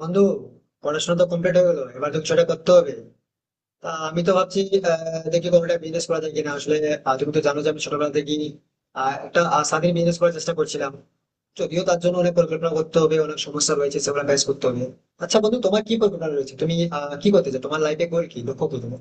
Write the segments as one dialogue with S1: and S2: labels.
S1: বন্ধু, পড়াশোনা তো কমপ্লিট হয়ে গেলো, এবার তো কিছু একটা করতে হবে। তা আমি তো ভাবছি দেখি কোনো একটা বিজনেস করা যায় কিনা আসলে। তুমি তো জানো যে আমি ছোটবেলা থেকেই একটা স্বাধীন বিজনেস করার চেষ্টা করছিলাম। যদিও তার জন্য অনেক পরিকল্পনা করতে হবে, অনেক সমস্যা রয়েছে সেগুলো ফেস করতে হবে। আচ্ছা বন্ধু, তোমার কি পরিকল্পনা রয়েছে? তুমি কি করতে চাও? তোমার লাইফে গোল কি, লক্ষ্য কি তোমার?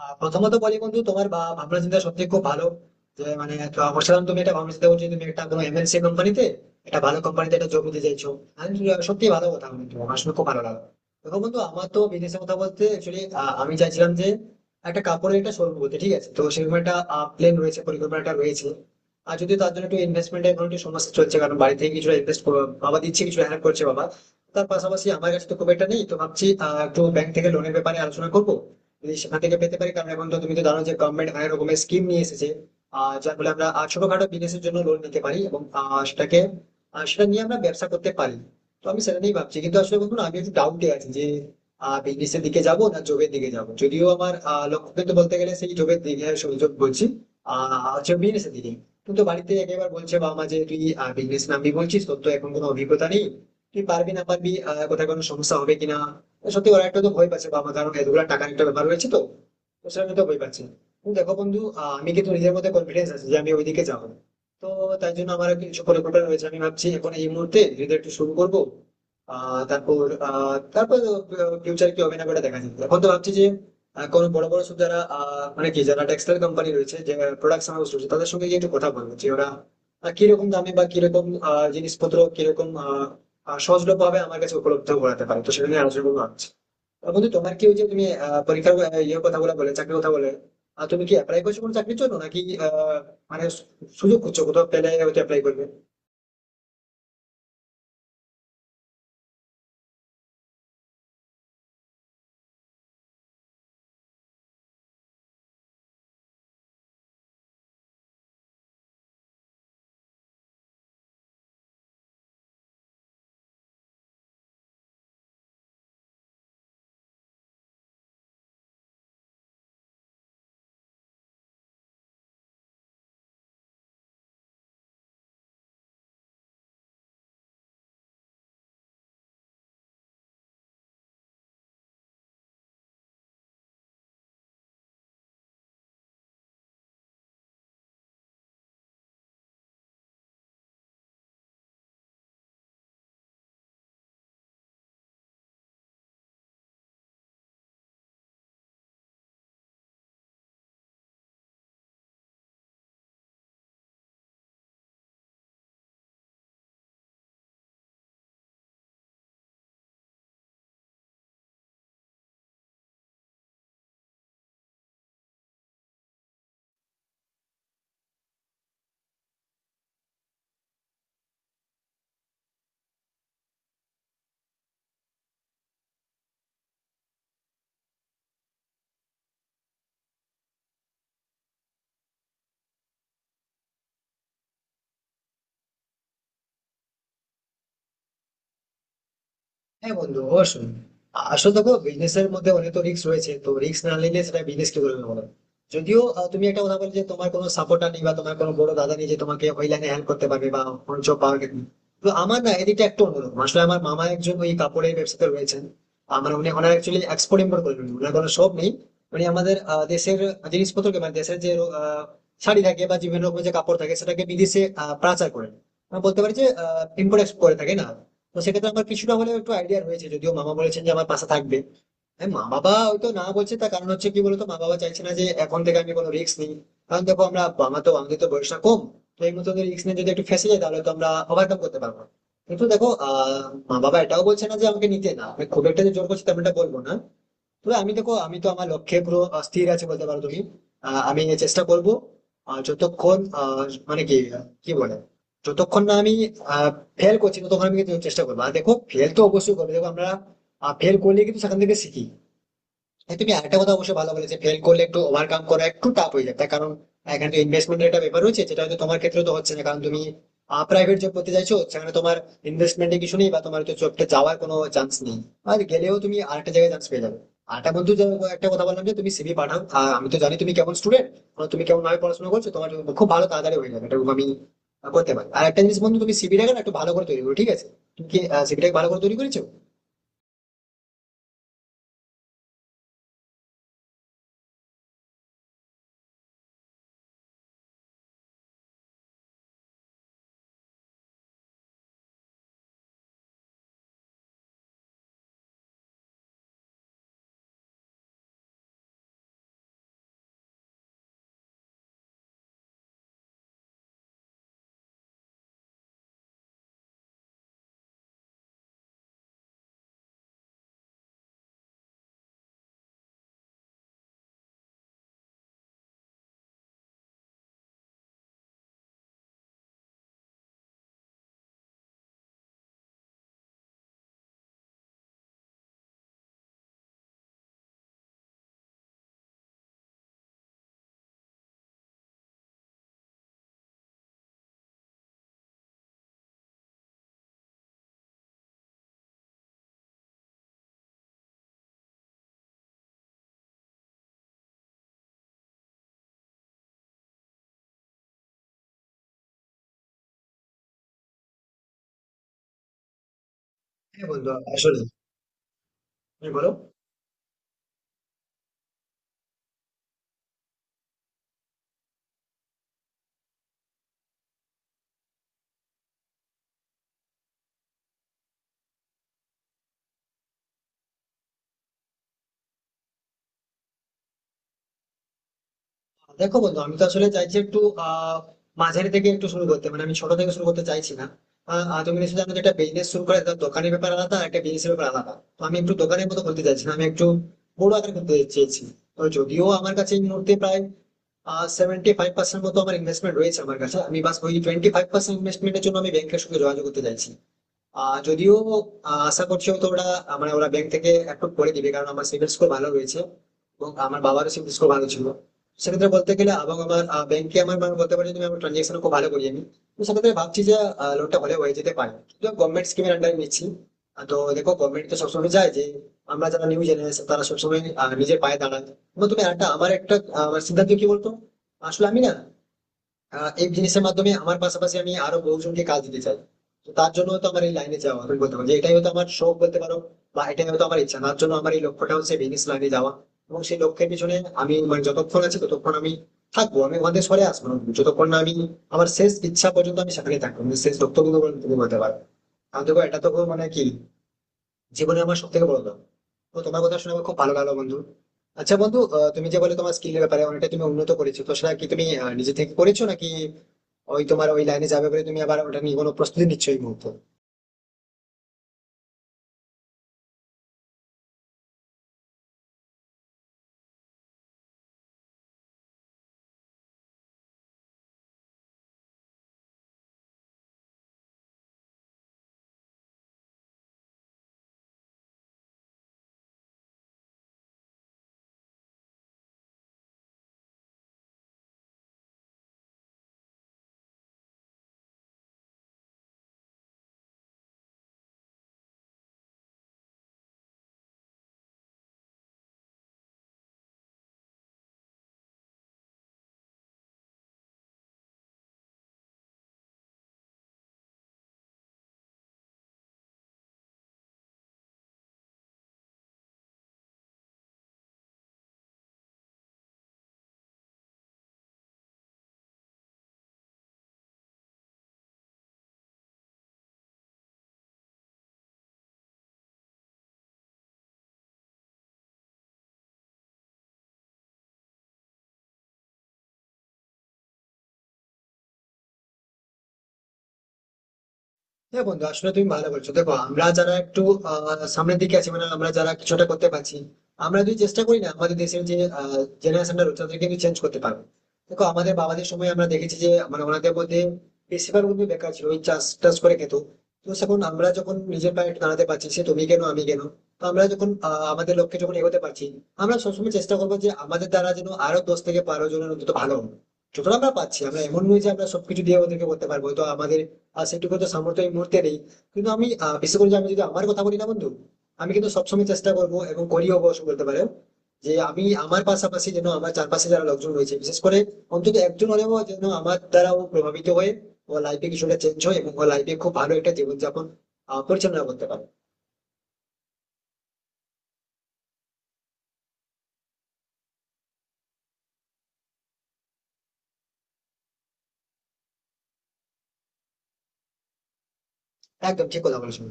S1: প্রথমত বলি বন্ধু, তোমার ভাবনা চিন্তা সত্যি খুব ভালো। যে মানে তো বলছিলাম তুমি একটা ভাবনা চিন্তা করছো, তুমি একটা কোনো এমএনসি কোম্পানিতে, একটা ভালো কোম্পানিতে একটা জব নিতে চাইছো। আমি বলি, সত্যি ভালো কথা বন্ধু, আমার শুনে খুব ভালো লাগলো। দেখো বন্ধু, আমার তো বিজনেসের কথা বলতে অ্যাকচুয়ালি আমি চাইছিলাম যে একটা কাপড়ের একটা শোরুম, বলতে ঠিক আছে, তো সেরকম একটা প্ল্যান রয়েছে, পরিকল্পনাটা রয়েছে। আর যদি তার জন্য একটু ইনভেস্টমেন্টের এখন একটু সমস্যা চলছে, কারণ বাড়ি থেকে কিছু ইনভেস্ট বাবা দিচ্ছে, কিছু হেল্প করছে বাবা। তার পাশাপাশি আমার কাছে তো খুব একটা নেই, তো ভাবছি একটু ব্যাংক থেকে লোনের ব্যাপারে আলোচনা করবো, যদি সেখান থেকে পেতে পারি, কারণ এখন তো তুমি তো জানো যে গভর্নমেন্ট অনেক রকমের স্কিম নিয়ে এসেছে। যার ফলে আমরা ছোটখাটো বিজনেসের জন্য লোন নিতে পারি এবং সেটা নিয়ে আমরা ব্যবসা করতে পারি। তো আমি সেটা নিয়েই ভাবছি, কিন্তু আসলে বন্ধু না, আমি একটু ডাউটে আছি যে বিজনেসের দিকে যাব না জবের দিকে যাব। যদিও আমার লক্ষ্য কিন্তু বলতে গেলে সেই জবের দিকে, সরি, job বলছি, হচ্ছে বিজনেসের দিকে। কিন্তু বাড়িতে একেবারে বলছে বাবা মা যে তুই বিজনেস নামবি বলছিস, তোর তো এখন কোনো অভিজ্ঞতা নেই, তুই পারবি না পারবি, কোথায় কোনো সমস্যা হবে কিনা। সত্যি ওরা একটা তো ভয় পাচ্ছে বাবা, কারণ এতগুলো টাকার একটা ব্যাপার রয়েছে তো, তো সেটা তো ভয় পাচ্ছে। কিন্তু দেখো বন্ধু, আমি কিন্তু নিজের মধ্যে কনফিডেন্স আছে যে আমি ওইদিকে যাবো। তো তাই জন্য আমার কিছু পরিকল্পনা রয়েছে, আমি ভাবছি এখন এই মুহূর্তে যদি একটু শুরু করবো। আহ তারপর আহ তারপর ফিউচার কি হবে না ওটা দেখা যাবে। এখন তো ভাবছি যে কোনো বড় বড় সব যারা মানে কি যারা টেক্সটাইল কোম্পানি রয়েছে, যে প্রোডাক্টস হাউস রয়েছে, তাদের সঙ্গে গিয়ে একটু কথা বলবো যে ওরা কিরকম দামে বা কিরকম জিনিসপত্র কিরকম আহ, আহ, সহজলভ্যভাবে আমার কাছে উপলব্ধ করাতে পারে, তো সেটা নিয়ে আলোচনা করবো ভাবছি। বন্ধু তোমার কি ওই যে তুমি পরীক্ষার ইয়ে কথা বলে বলে চাকরির কথা বলে তুমি কি অ্যাপ্লাই করছো কোনো চাকরির জন্য, নাকি আহ, মানে সুযোগ খুঁজছো, কোথাও পেলে হয়তো অ্যাপ্লাই করবে? হ্যাঁ বন্ধু অবশ্যই। আসলে দেখো বিজনেস এর মধ্যে অনেক তো রিস্ক রয়েছে, তো রিস্ক না নিলে সেটা বিজনেস কি বলবো বলো। যদিও তুমি একটা কথা বলে যে তোমার কোনো সাপোর্টার নেই বা তোমার কোনো বড় দাদা নেই যে তোমাকে ওই লাইনে হেল্প করতে পারবে, বা কোনো জব পাওয়ার ক্ষেত্রে। তো আমার না এদিকটা একটু অন্যরকম, আসলে আমার মামা একজন ওই কাপড়ের ব্যবসাতে রয়েছেন। আমার উনি, ওনার অ্যাকচুয়ালি এক্সপোর্ট ইম্পোর্ট করেন, ওনার কোনো শপ নেই। উনি আমাদের দেশের জিনিসপত্রকে, মানে দেশের যে আ, শাড়ি থাকে বা বিভিন্ন রকমের যে কাপড় থাকে, সেটাকে বিদেশে পাচার করেন। আমরা বলতে পারি যে ইম্পোর্ট এক্সপোর্ট করে থাকে না। তো সেক্ষেত্রে আমার কিছুটা হলেও একটু আইডিয়া রয়েছে, যদিও মামা বলেছেন যে আমার পাশে থাকবে। হ্যাঁ মা বাবা হয়তো না বলছে, তার কারণ হচ্ছে কি বলতো, মা বাবা চাইছে না যে এখন থেকে আমি কোনো রিস্ক নিই। কারণ দেখো আমরা, আমার তো আমাদের তো বয়সটা কম, তো এই মতো রিস্ক নিয়ে যদি একটু ফেঁসে যায় তাহলে তো আমরা ওভারকাম করতে পারবো না। কিন্তু দেখো মা বাবা এটাও বলছে না যে আমাকে নিতে না, আমি খুব একটা যে জোর করছি তেমনটা বলবো না। তবে আমি দেখো, আমি তো আমার লক্ষ্যে পুরো স্থির আছে বলতে পারো তুমি। আমি চেষ্টা করব আহ, যতক্ষণ আহ, মানে কি কি বলে যতক্ষণ না আমি ফেল করছি ততক্ষণ আমি কিন্তু চেষ্টা করবো। আর দেখো ফেল তো অবশ্যই করবে, দেখো আমরা ফেল করলে কিন্তু সেখান থেকে শিখি। হ্যাঁ তুমি আরেকটা কথা অবশ্যই ভালো বলেছে, ফেল করলে একটু ওভারকাম করা একটু টাফ হয়ে যায়, তার কারণ এখানে তো ইনভেস্টমেন্টের একটা ব্যাপার রয়েছে, যেটা হয়তো তোমার ক্ষেত্রে তো হচ্ছে না, কারণ তুমি প্রাইভেট জব করতে চাইছো, সেখানে তোমার ইনভেস্টমেন্টে কিছু নেই, বা তোমার তো জবটা যাওয়ার কোনো চান্স নেই, আর গেলেও তুমি আরেকটা জায়গায় চান্স পেয়ে যাবে। আরেকটা বন্ধু একটা কথা বললাম যে তুমি সিভি পাঠাও, আর আমি তো জানি তুমি কেমন স্টুডেন্ট, তুমি কেমন ভাবে পড়াশোনা করছো, তোমার খুব ভালো তাড়াতাড়ি হয়ে যাবে, এটা আমি করতে পারি। আর একটা জিনিস বন্ধু, তুমি সিভিটাকে না একটু ভালো করে তৈরি করো, ঠিক আছে? তুমি কি সিভিটাকে ভালো করে তৈরি করেছো? হ্যাঁ বন্ধু আসলে তুমি বলো। দেখো বন্ধু, আমি তো আসলে চাইছি একটু আহ মাঝারি থেকে একটু শুরু করতে, মানে আমি ছোট থেকে শুরু করতে চাইছি না। আহ, আহ, তুমি নিশ্চয়ই জানো যে একটা বিজনেস শুরু করে তার দোকানের ব্যাপার আলাদা আর একটা বিজনেসের ব্যাপার আলাদা, তো আমি একটু দোকানের মতো করতে চাইছি না, আমি একটু বড় আকারে করতে চেয়েছি। তো যদিও আমার কাছে এই মুহূর্তে প্রায় 75% মতো আমার ইনভেস্টমেন্ট রয়েছে আমার কাছে, আমি বাস ওই 25% ইনভেস্টমেন্টের জন্য আমি ব্যাংকের সঙ্গে যোগাযোগ করতে চাইছি। যদিও আশা করছি হয়তো ওরা আহ, মানে ওরা ব্যাংক থেকে অ্যাপ্রুভ করে দিবে, কারণ আমার সিবিল স্কোর ভালো রয়েছে এবং আমার বাবারও সিবিল স্কোর ভালো ছিল। সেক্ষেত্রে বলতে গেলে, এবং আমার ব্যাংকে আমার মানে বলতে পারি যে আমি আমার ট্রানজেকশন খুব ভালো করি আমি। তো সেক্ষেত্রে ভাবছি যে লোনটা হলে হয়ে যেতে পারে, কিন্তু গভর্নমেন্ট স্কিমের আন্ডারে নিচ্ছি। তো দেখো গভর্নমেন্ট তো সবসময় চায় যে আমরা যারা নিউ জেনারেশন তারা সবসময় নিজের পায়ে দাঁড়ায়। এবং তুমি একটা, আমার একটা আমার সিদ্ধান্ত কি বলতো, আসলে আমি না এই জিনিসের মাধ্যমে আমার পাশাপাশি আমি আরো বহুজনকে কাজ দিতে চাই। তো তার জন্য তো আমার এই লাইনে যাওয়া, তুমি বলতে পারো যে এটাই হয়তো আমার শখ বলতে পারো, বা এটাই হয়তো আমার ইচ্ছা, তার জন্য আমার এই লক্ষ্যটা হচ্ছে বিজনেস লাইনে যাওয়া। এবং সেই লক্ষ্যের পিছনে আমি মানে যতক্ষণ আছি ততক্ষণ আমি থাকবো, আমি ওখান থেকে সরে আসবো না, যতক্ষণ না আমি আমার শেষ ইচ্ছা পর্যন্ত আমি সেখানে থাকবো, আমি শেষ লক্ষ্য কিন্তু বলতে পারবো। আর দেখো এটা তো কোনো মানে কি জীবনে আমার সব থেকে বড় লাভ। তো তোমার কথা শুনে আমার খুব ভালো লাগলো বন্ধু। আচ্ছা বন্ধু, তুমি যে বলে তোমার স্কিলের ব্যাপারে অনেকটা তুমি উন্নত করেছো, তো সেটা কি তুমি নিজে থেকে করেছো, নাকি ওই তোমার ওই লাইনে যাবে বলে তুমি আবার ওটা নিয়ে কোনো প্রস্তুতি নিচ্ছ এই মুহূর্তে? হ্যাঁ বন্ধু, আসলে তুমি ভালো বলছো। দেখো আমরা যারা একটু সামনের দিকে আছি, মানে আমরা যারা কিছুটা করতে পারছি, আমরা যদি চেষ্টা করি না, আমাদের দেশের যে জেনারেশনটা রয়েছে তাদেরকে কিন্তু চেঞ্জ করতে পারবো। দেখো আমাদের বাবাদের সময় আমরা দেখেছি যে মানে ওনাদের মধ্যে বেশিরভাগ কিন্তু বেকার ছিল, ওই চাষ টাস করে খেত। তো সেখন আমরা যখন নিজের পায়ে একটু দাঁড়াতে পারছি, সে তুমি কেন আমি কেন, তো আমরা যখন আমাদের লক্ষ্যে যখন এগোতে পারছি, আমরা সবসময় চেষ্টা করবো যে আমাদের দ্বারা যেন আরো 10 থেকে 12 জনের অন্তত ভালো হবে। যতটা আমরা পাচ্ছি, আমরা এমন নয় যে আমরা সবকিছু দিয়ে ওদেরকে করতে পারবো, তো আমাদের আর সেটুকু তো সামর্থ্য এই মুহূর্তে নেই। কিন্তু আমি বিশেষ করে যে আমি যদি আমার কথা বলি না বন্ধু, আমি কিন্তু সবসময় চেষ্টা করবো এবং করিও অবশ্য বলতে পারো, যে আমি আমার পাশাপাশি যেন আমার চারপাশে যারা লোকজন রয়েছে বিশেষ করে অন্তত একজন হলেও যেন আমার দ্বারাও প্রভাবিত হয়ে ও লাইফে কিছুটা চেঞ্জ হয়, এবং ও লাইফে খুব ভালো একটা জীবনযাপন পরিচালনা করতে পারে। একদম ঠিক কথা বলেছো।